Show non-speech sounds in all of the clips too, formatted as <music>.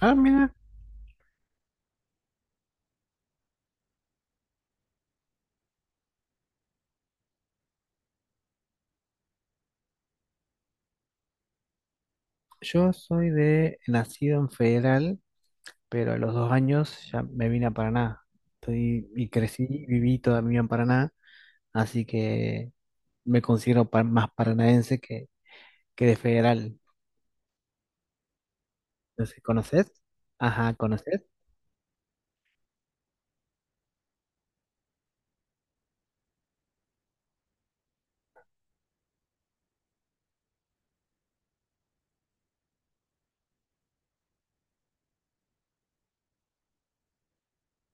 Ah, mira, yo soy de nacido en Federal, pero a los 2 años ya me vine a Paraná. Estoy y crecí y viví toda mi vida en Paraná, así que me considero más paranaense que de Federal. Entonces, ¿conoces? Ajá, ¿conoces?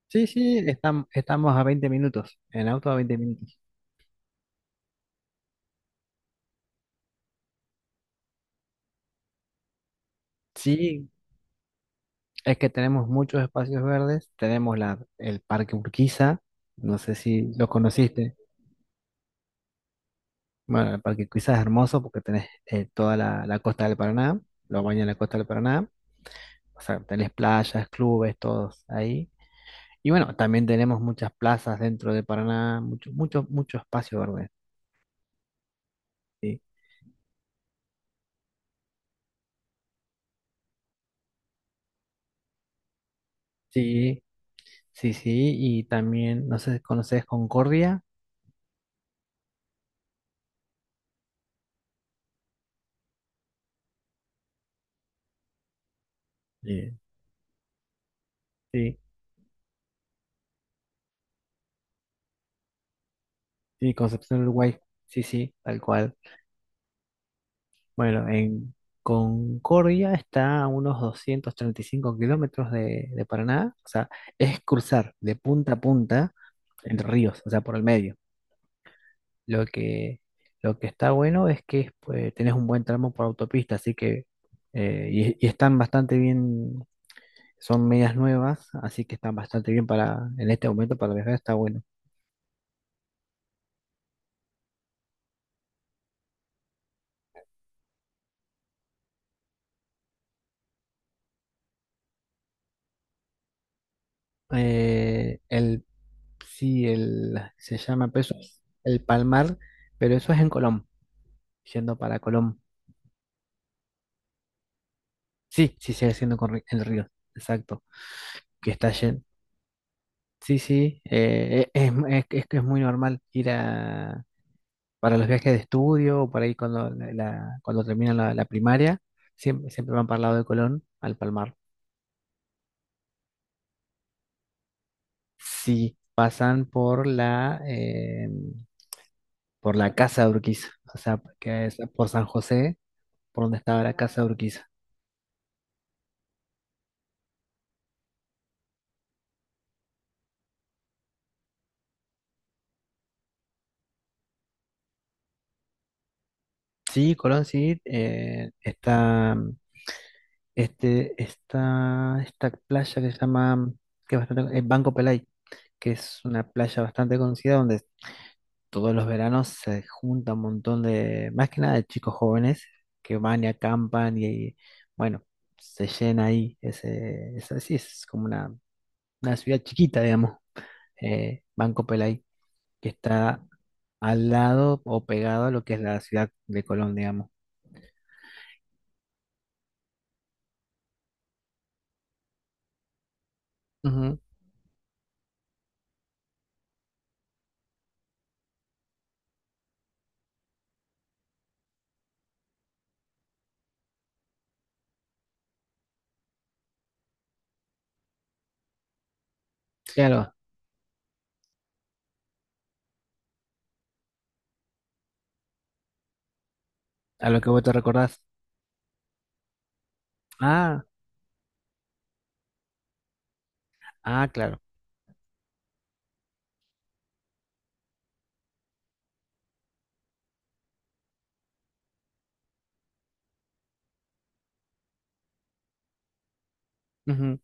Sí, sí, estamos a 20 minutos, en auto a 20 minutos. Sí, es que tenemos muchos espacios verdes, tenemos el Parque Urquiza, no sé si lo conociste. Bueno, el Parque Cuiza es hermoso porque tenés toda la costa del Paraná, lo baña la costa del Paraná, o sea, tenés playas, clubes, todos ahí. Y bueno, también tenemos muchas plazas dentro de Paraná, mucho, mucho, mucho espacio verde. Sí, sí, sí, sí, y también, no sé si conoces Concordia. Sí, sí, sí, Concepción Uruguay, sí, sí, tal cual. Bueno, en Concordia está a unos 235 kilómetros de Paraná, o sea, es cruzar de punta a punta Entre Ríos, o sea, por el medio. Lo que, lo que está bueno es que pues, tenés un buen tramo por autopista, así que, y están bastante bien, son medias nuevas, así que están bastante bien para, en este momento para viajar, está bueno. Eh, el, sí, se llama peso, el Palmar, pero eso es en Colón, yendo para Colón. Sí, sí, sigue siendo el río, exacto, que está yendo. Sí, sí, es que es muy normal ir para los viajes de estudio, o por ahí cuando terminan la primaria, siempre van para el lado de Colón, al Palmar. Sí, pasan por la Casa de Urquiza, o sea, que es por San José, por donde estaba la Casa de Urquiza. Sí, Colón, sí, está esta playa que se llama, que es bastante, Banco Pelay, que es una playa bastante conocida donde todos los veranos se junta un montón de, más que nada de chicos jóvenes que van y acampan y bueno, se llena ahí, ese, es sí es como una ciudad chiquita, digamos, Banco Pelay, que está al lado o pegado a lo que es la ciudad de Colón, digamos. Ujú, claro, a lo que vos te recordás. Ah, ah, claro. Ujú,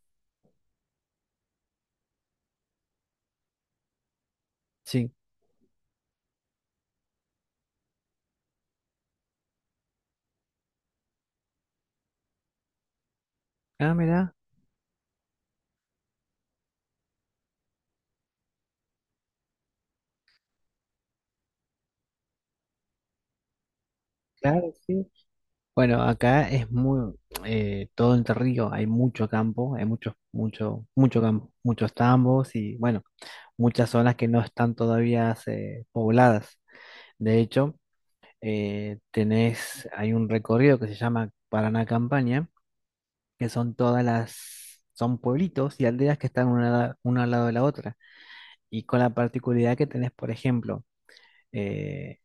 sí. Ah, mirá, claro, sí. Bueno, acá es muy todo Entre Ríos, hay mucho campo, hay mucho, mucho, mucho campo, muchos tambos y bueno, muchas zonas que no están todavía pobladas. De hecho, hay un recorrido que se llama Paraná Campaña, que son todas las, son pueblitos y aldeas que están una al lado de la otra. Y con la particularidad que tenés, por ejemplo, eh,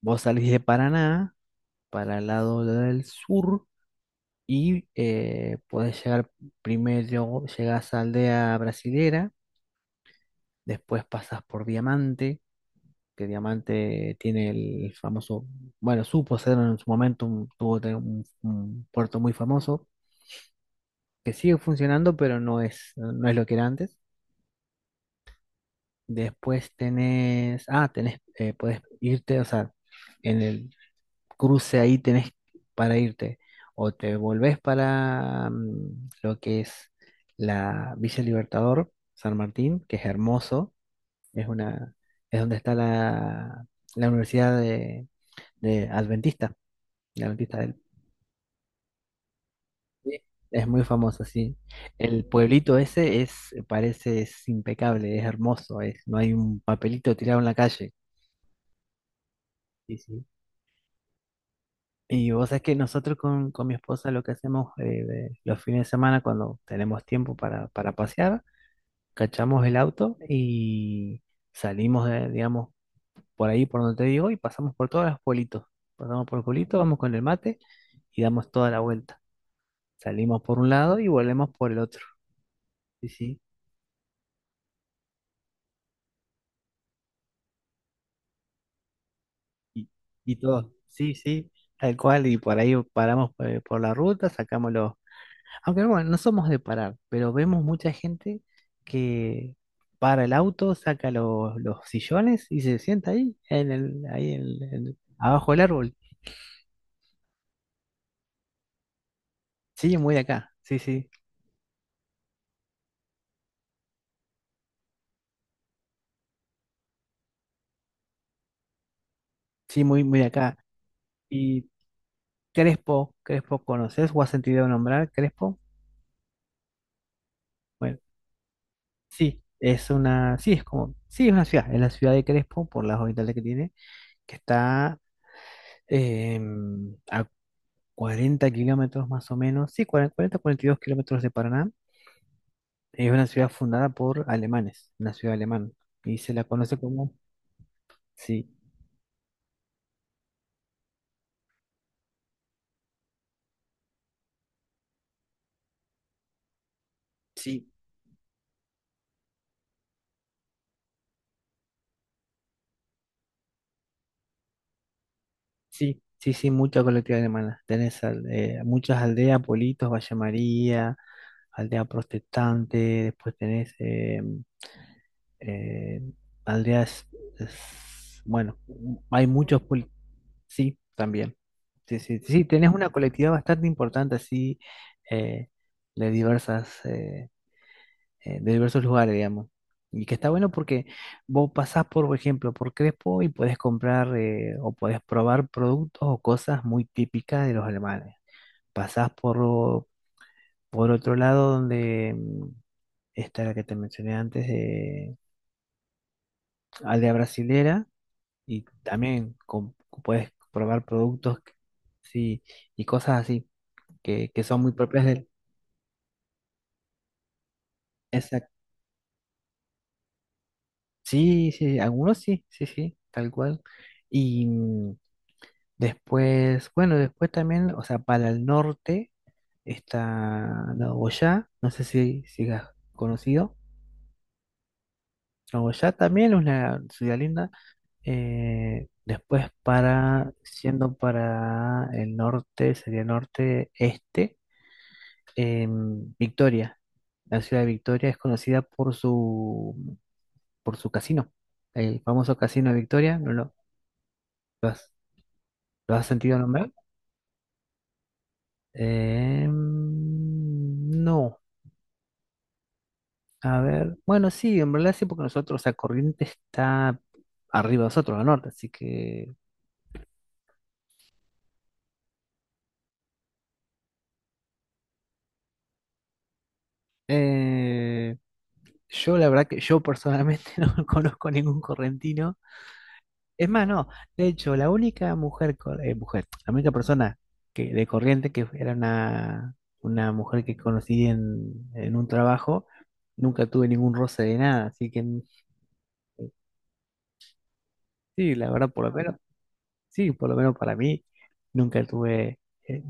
vos salís de Paraná para el lado del sur y podés llegar primero, llegás a Aldea Brasilera, después pasas por Diamante, que Diamante tiene el famoso, bueno, supo ser en su momento, un, tuvo te- un puerto muy famoso, que sigue funcionando, pero no es lo que era antes. Después podés irte, o sea, en el cruce ahí tenés para irte. O te volvés para lo que es la Villa Libertador, San Martín, que es hermoso, es una, es donde está la Universidad de Adventista, la Adventista del Sí, es muy famosa, sí. El pueblito ese es, parece, es impecable, es hermoso, es, no hay un papelito tirado en la calle. Sí, sí. Y vos sabés que nosotros con mi esposa lo que hacemos los fines de semana cuando tenemos tiempo para, pasear, cachamos el auto y salimos, de, digamos, por ahí por donde te digo y pasamos por todos los pueblitos. Pasamos por el pueblito, vamos con el mate y damos toda la vuelta. Salimos por un lado y volvemos por el otro. Sí, sí. Y, y todo. Sí, sí, tal cual. Y por ahí paramos por la ruta, aunque bueno, no somos de parar, pero vemos mucha gente que para el auto, saca los sillones y se sienta ahí, abajo del árbol. Sí, muy de acá, sí, sí, sí, muy, muy de acá. Y Crespo, Crespo, ¿conoces o has sentido nombrar Crespo? Bueno, sí, es una, sí, es como, sí, es una ciudad, es la ciudad de Crespo, por las habitantes que tiene, que está a 40 kilómetros más o menos, sí, 42 kilómetros de Paraná. Es una ciudad fundada por alemanes, una ciudad alemana. Y se la conoce como... Sí, sí, sí, sí, sí, mucha colectividad alemana. Tenés muchas aldeas, Politos, Valle María, aldea protestante, después tenés eh, aldeas... bueno, hay muchos... poli- Sí, también. Sí, sí, sí, tenés una colectividad bastante importante así, eh, de diversas... de diversos lugares, digamos. Y que está bueno porque vos pasás, por ejemplo, por Crespo y podés comprar o podés probar productos o cosas muy típicas de los alemanes. Pasás por, o- por otro lado donde está la que te mencioné antes, de Aldea Brasilera, y también podés probar productos sí, y cosas así, que son muy propias del... Exacto. Sí, sí, algunos sí, sí, sí, tal cual. Y, mm, Después, bueno, después también, o sea, para el norte está Nagoya, no sé si has conocido. Nagoya también es una ciudad linda. Después siendo para el norte, sería norte este, Victoria. La ciudad de Victoria es conocida por su, casino, el famoso casino de Victoria, ¿no lo has, lo has sentido nombrar? Em, no. A ver, bueno, sí, en realidad sí, porque nosotros, o sea, Corrientes está arriba de nosotros, al norte, así que eh, yo la verdad que yo personalmente <laughs> no conozco ningún correntino. Es más, no, de hecho, la única mujer, la única persona de Corrientes que era una mujer que conocí en un trabajo, nunca tuve ningún roce de nada, así que sí, la verdad, por lo menos, sí, por lo menos para mí, nunca tuve... eh,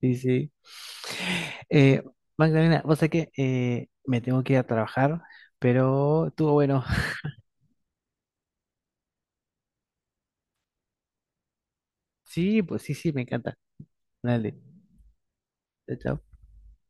Sí, sí. Eh, Magdalena, vos sabés que me tengo que ir a trabajar, pero estuvo bueno. <laughs> Sí, pues sí, sí, me encanta. Dale. Chao, chao.